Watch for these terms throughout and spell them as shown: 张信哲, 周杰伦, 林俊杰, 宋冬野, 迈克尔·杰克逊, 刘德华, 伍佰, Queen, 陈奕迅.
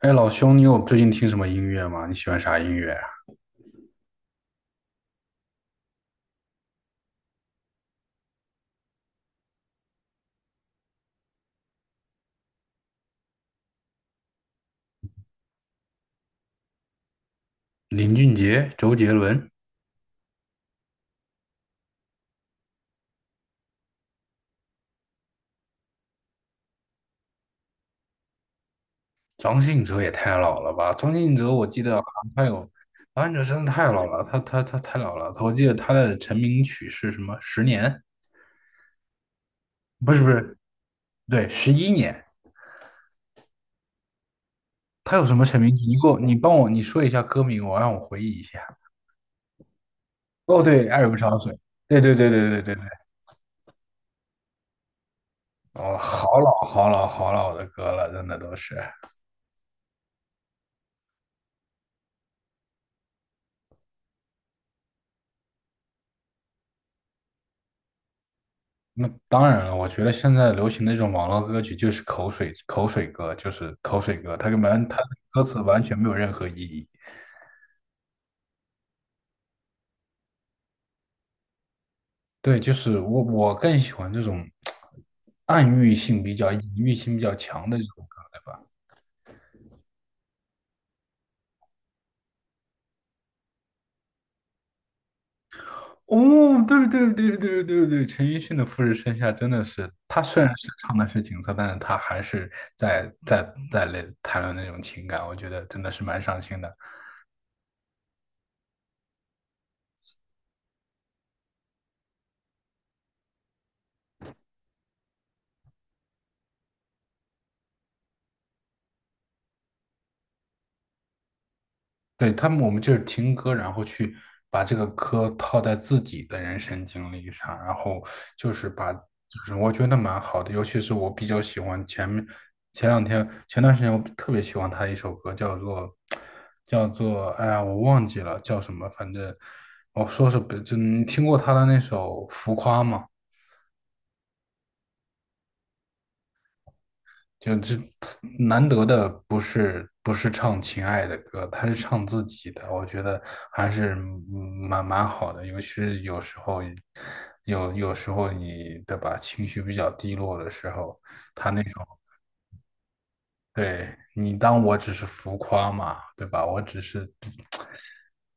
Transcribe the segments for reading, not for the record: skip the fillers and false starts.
哎，老兄，你有最近听什么音乐吗？你喜欢啥音乐啊？林俊杰、周杰伦、张信哲也太老了吧！张信哲我记得好像他有，张信哲真的太老了，他太老了。我记得他的成名曲是什么？十年？不是不是，对，十一年。他有什么成名曲？你给我，你帮我，你说一下歌名，我让我回忆一下。哦，对，《爱如潮水》。对对对对对对对。哦，好老好老好老的歌了，真的都是。那当然了，我觉得现在流行的这种网络歌曲就是口水歌，就是口水歌，它根本它的歌词完全没有任何意义。对，就是我更喜欢这种暗喻性比较、隐喻性比较强的这种歌，对吧？哦，对对对对对对，陈奕迅的《富士山下》真的是，他虽然是唱的是景色，但是他还是在类谈论那种情感，我觉得真的是蛮伤心的。对，他们，我们就是听歌，然后去把这个歌套在自己的人生经历上，然后就是把，就是我觉得蛮好的，尤其是我比较喜欢前面前两天前段时间我特别喜欢他的一首歌，叫做叫做哎呀我忘记了叫什么，反正我说是不就你听过他的那首《浮夸》吗？就这难得的不是唱情爱的歌，他是唱自己的，我觉得还是蛮好的。尤其是有时候，有时候你对吧，情绪比较低落的时候，他那种对你当我只是浮夸嘛，对吧？我只是，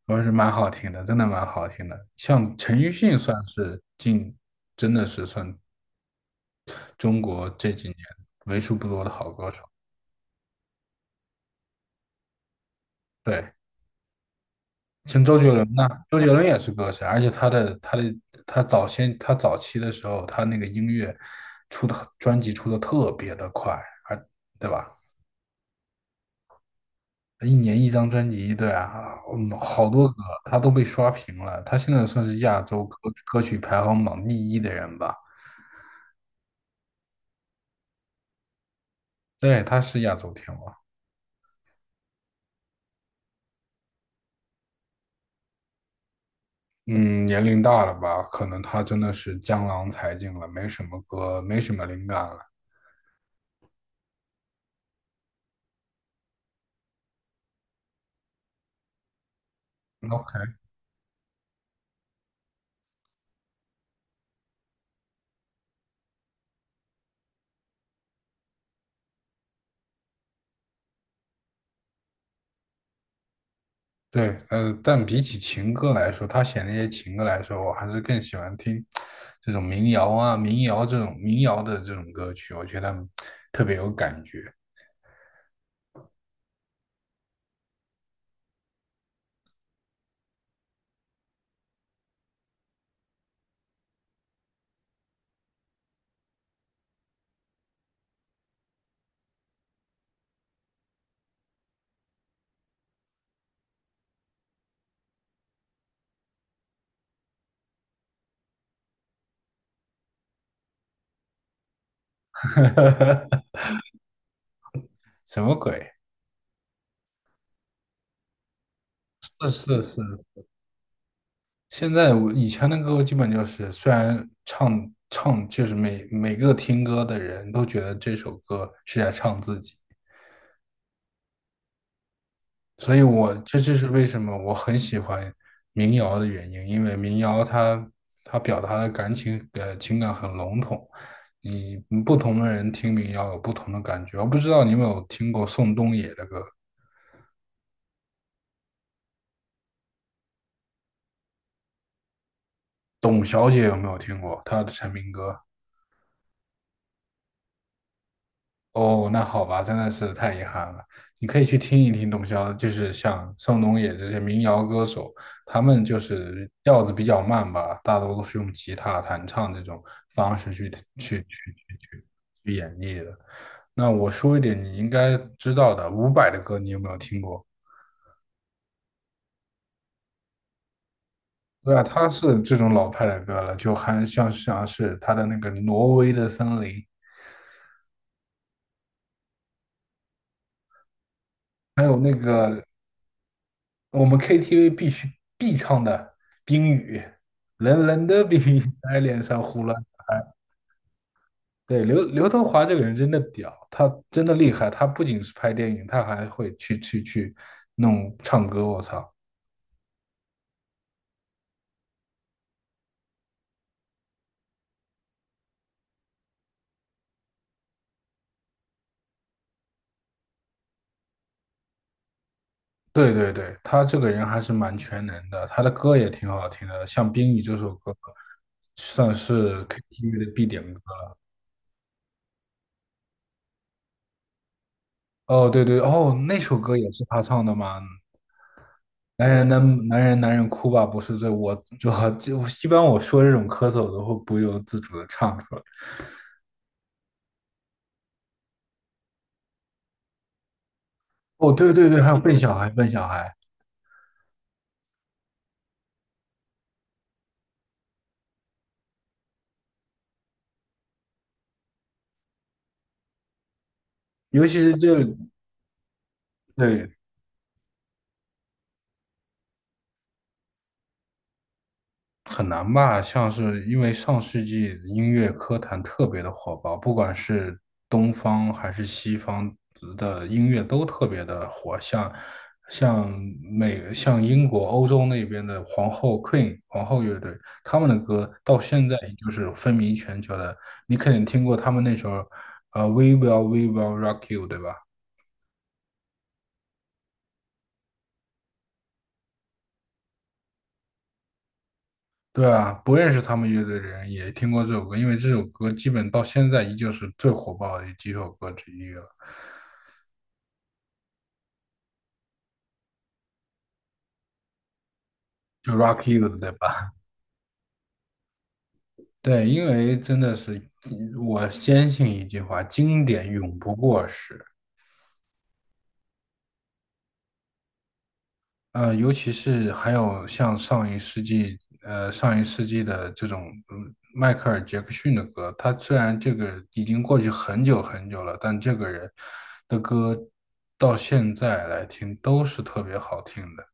我是蛮好听的，真的蛮好听的。像陈奕迅算是近，真的是算中国这几年为数不多的好歌手。对。像周杰伦呐、周杰伦也是歌手，而且他的他早先他早期的时候，他那个音乐出的专辑出的特别的快，而对吧？一年一张专辑，对啊，嗯，好多歌他都被刷屏了。他现在算是亚洲歌歌曲排行榜第一的人吧？对，他是亚洲天王。嗯，年龄大了吧，可能他真的是江郎才尽了，没什么歌，没什么灵感了。OK。对，但比起情歌来说，他写那些情歌来说，我还是更喜欢听这种民谣啊、民谣这种民谣的这种歌曲，我觉得特别有感觉。什么鬼？是是是，现在我以前的歌基本就是，虽然唱唱就是每个听歌的人都觉得这首歌是在唱自己，所以我这就是为什么我很喜欢民谣的原因，因为民谣它表达的感情情感很笼统，你不同的人听民谣有不同的感觉。我不知道你有没有听过宋冬野的歌，董小姐有没有听过她的成名歌？哦，那好吧，真的是太遗憾了。你可以去听一听董潇，就是像宋冬野这些民谣歌手，他们就是调子比较慢吧，大多都是用吉他弹唱这种方式去。去那我说一点你应该知道的，伍佰的歌你有没有听过？对啊，他是这种老派的歌了，就还像是他的那个《挪威的森林》，还有那个我们 KTV 必唱的《冰雨》，冷冷的冰雨在脸上胡乱。对，刘德华这个人真的屌，他真的厉害，他不仅是拍电影，他还会去弄唱歌，我操！对对对，他这个人还是蛮全能的，他的歌也挺好听的，像《冰雨》这首歌，算是 KTV 的必点歌了。哦，对对，哦，那首歌也是他唱的吗？男人男人哭吧，不是罪。我一般我说这种咳嗽，我都会不由自主的唱出来。哦，对对对，还有笨小孩，尤其是这，对很难吧？像是因为上世纪音乐科坛特别的火爆，不管是东方还是西方的音乐都特别的火，像像英国欧洲那边的皇后 Queen 皇后乐队，他们的歌到现在就是风靡全球的。你肯定听过他们那首"We Will Rock You" 对吧？对啊，不认识他们乐队的人也听过这首歌，因为这首歌基本到现在依旧是最火爆的几首歌之一了。就 Rock You 的，对吧？对，因为真的是，我坚信一句话，经典永不过时。尤其是还有像上一世纪，上一世纪的这种迈克尔·杰克逊的歌，他虽然这个已经过去很久很久了，但这个人的歌到现在来听都是特别好听的。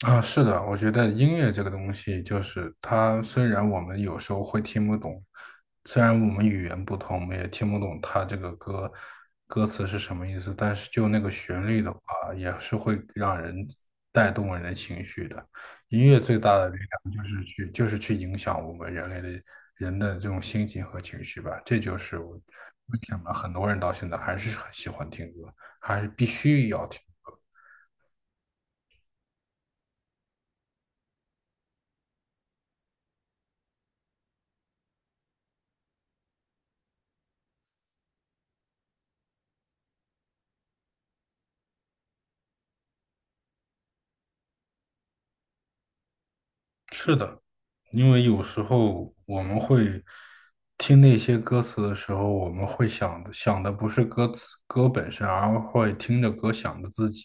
啊，是的，我觉得音乐这个东西，就是它虽然我们有时候会听不懂，虽然我们语言不通，我们也听不懂它这个歌歌词是什么意思，但是就那个旋律的话，也是会让人带动人的情绪的。音乐最大的力量就是就是去影响我们人类的人的这种心情和情绪吧。这就是我为什么很多人到现在还是很喜欢听歌，还是必须要听歌。是的，因为有时候我们会听那些歌词的时候，我们会想的不是歌本身，而会听着歌想着自己。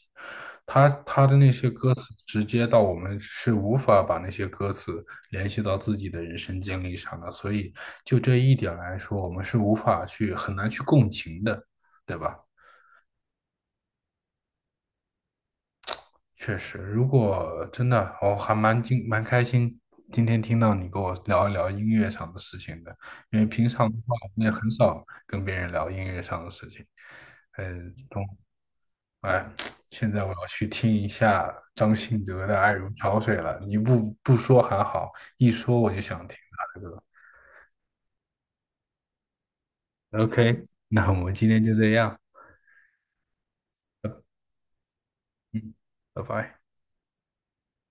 他的那些歌词直接到我们是无法把那些歌词联系到自己的人生经历上的，所以就这一点来说，我们是无法去很难去共情的，对吧？确实，如果真的，我还蛮开心，今天听到你跟我聊一聊音乐上的事情的，因为平常的话，我也很少跟别人聊音乐上的事情。嗯，懂，哎，现在我要去听一下张信哲的《爱如潮水》了。你不说还好，一说我就想听他的歌。OK，那我们今天就这样，嗯，拜拜。